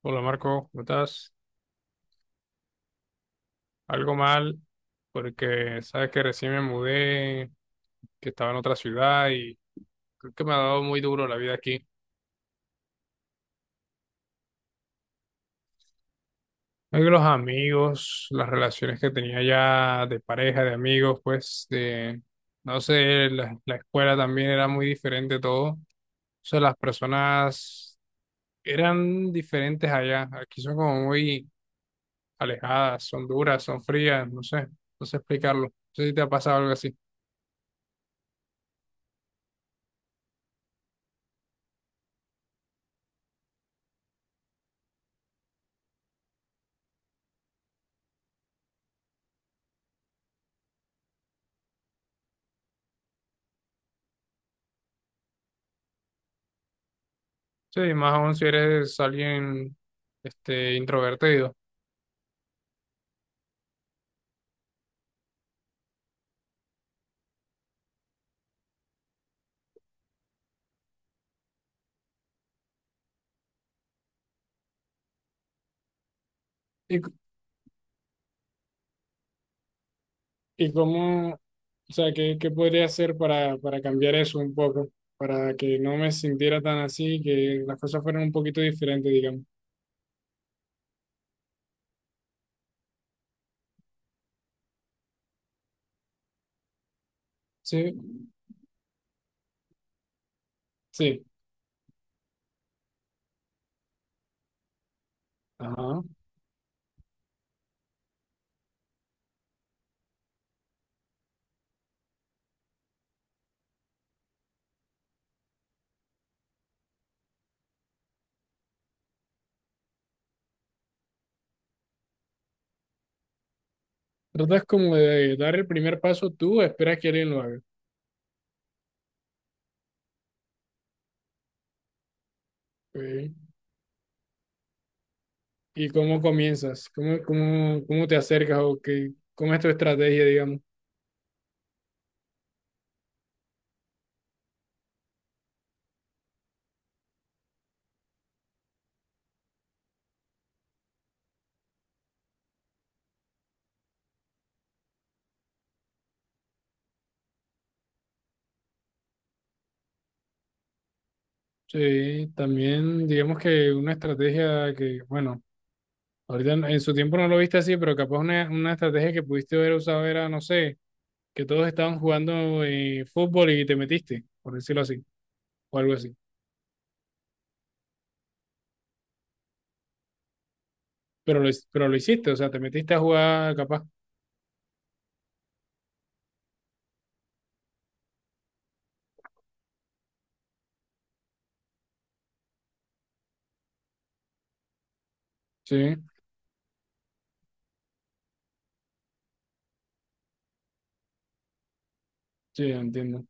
Hola Marco, ¿cómo estás? Algo mal, porque sabes que recién me mudé, que estaba en otra ciudad y creo que me ha dado muy duro la vida aquí. Creo que los amigos, las relaciones que tenía ya de pareja, de amigos, pues de, no sé, la escuela también era muy diferente todo. O sea, las personas eran diferentes allá. Aquí son como muy alejadas, son duras, son frías, no sé, no sé explicarlo. No sé si te ha pasado algo así. Sí, más aún si eres alguien introvertido. ¿Y, c- ¿Y cómo, o sea, qué, qué podría hacer para cambiar eso un poco? Para que no me sintiera tan así, que las cosas fueran un poquito diferentes, digamos. Sí, sí. Ajá. Tratas como de dar el primer paso tú, esperas que alguien lo haga. Ok. ¿Y cómo comienzas? ¿Cómo te acercas o qué, cómo es tu estrategia, digamos? Sí, también digamos que una estrategia que, bueno. Ahorita en su tiempo no lo viste así, pero capaz una estrategia que pudiste haber usado era, no sé, que todos estaban jugando fútbol y te metiste, por decirlo así, o algo así. Pero lo hiciste, o sea, te metiste a jugar capaz. Sí, sí, entiendo.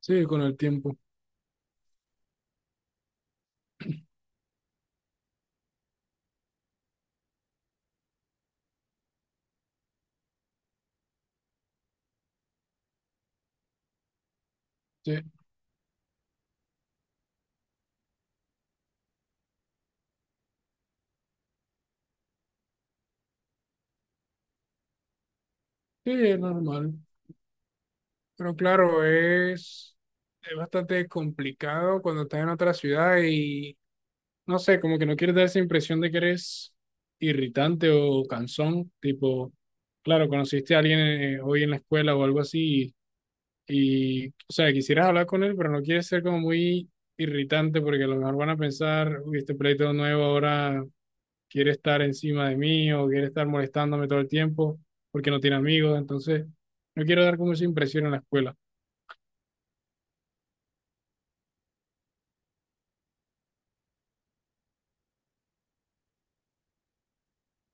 Sí, con el tiempo. Sí, sí, es normal. Pero claro, es bastante complicado cuando estás en otra ciudad y no sé, como que no quieres dar esa impresión de que eres irritante o cansón, tipo, claro, conociste a alguien hoy en la escuela o algo así y, o sea, quisieras hablar con él, pero no quieres ser como muy irritante porque a lo mejor van a pensar, uy, este pleito nuevo ahora quiere estar encima de mí o quiere estar molestándome todo el tiempo porque no tiene amigos, entonces no quiero dar como esa impresión en la escuela.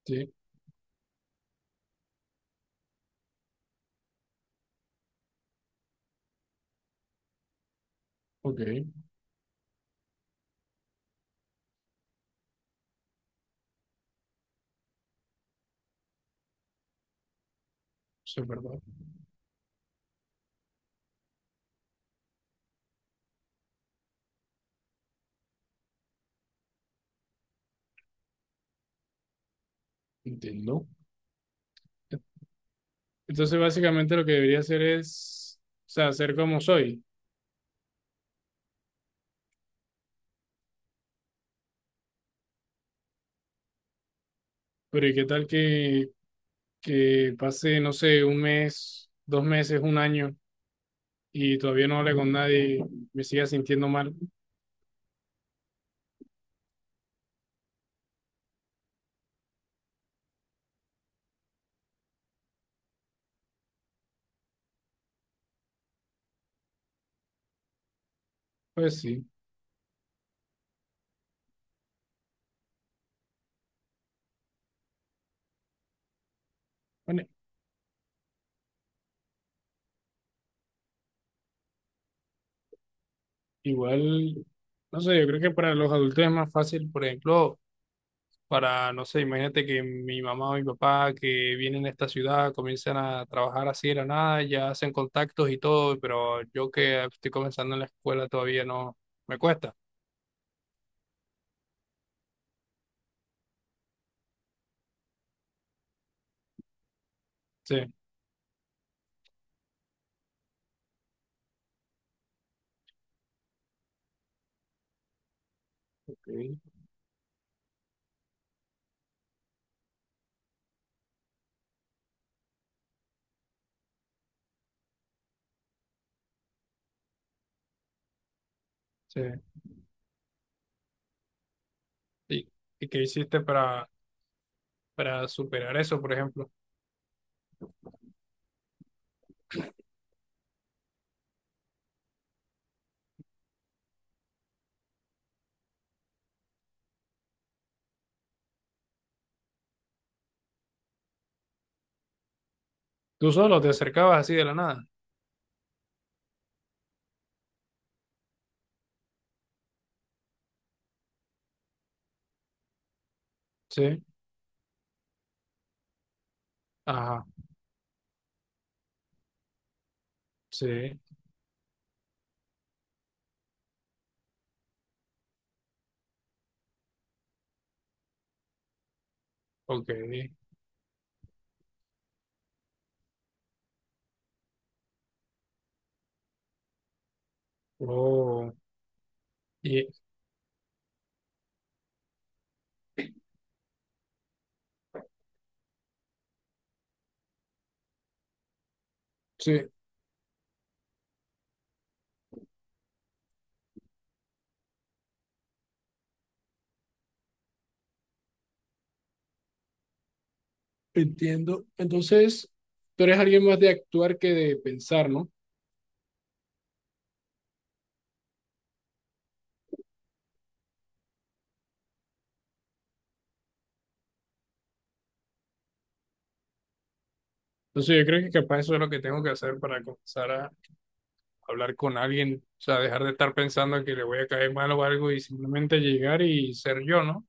Sí, ok, eso es verdad, entiendo. Entonces, básicamente lo que debería hacer es, o sea, ser como soy. Pero ¿y qué tal que pase, no sé, un mes, dos meses, un año y todavía no hable con nadie y me siga sintiendo mal? Pues sí. Bueno, igual, no sé, yo creo que para los adultos es más fácil, por ejemplo, para, no sé, imagínate que mi mamá o mi papá que vienen a esta ciudad comienzan a trabajar así de la nada, ya hacen contactos y todo, pero yo que estoy comenzando en la escuela todavía no me cuesta. Sí. Sí. Sí. ¿Y, y qué hiciste para superar eso, por ejemplo? ¿Tú solo te acercabas así de la nada? Sí. Ajá, sí. Ok. Oh, y, sí, entiendo. Entonces, tú eres alguien más de actuar que de pensar, ¿no? Entonces, yo creo que capaz eso es lo que tengo que hacer para comenzar a hablar con alguien, o sea, dejar de estar pensando que le voy a caer mal o algo y simplemente llegar y ser yo, ¿no?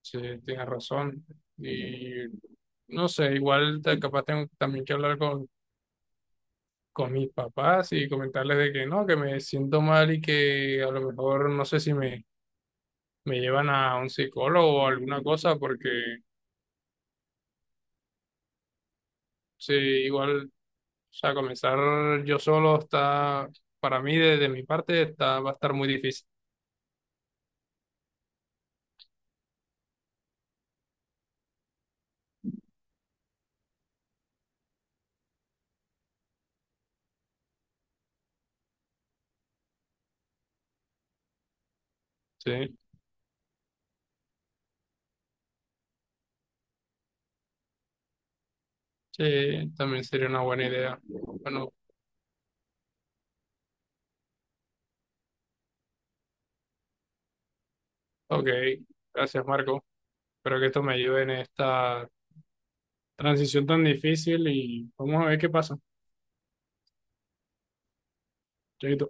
Sí, tienes razón. Y no sé, capaz tengo también que hablar con mis papás y comentarles de que no, que me siento mal y que a lo mejor no sé si me, me llevan a un psicólogo o alguna cosa, porque sí, igual, o sea, comenzar yo solo está, para mí, desde mi parte, está, va a estar muy difícil. Sí, sí, también sería una buena idea. Bueno, ok, gracias Marco. Espero que esto me ayude en esta transición tan difícil y vamos a ver qué pasa. Chaito.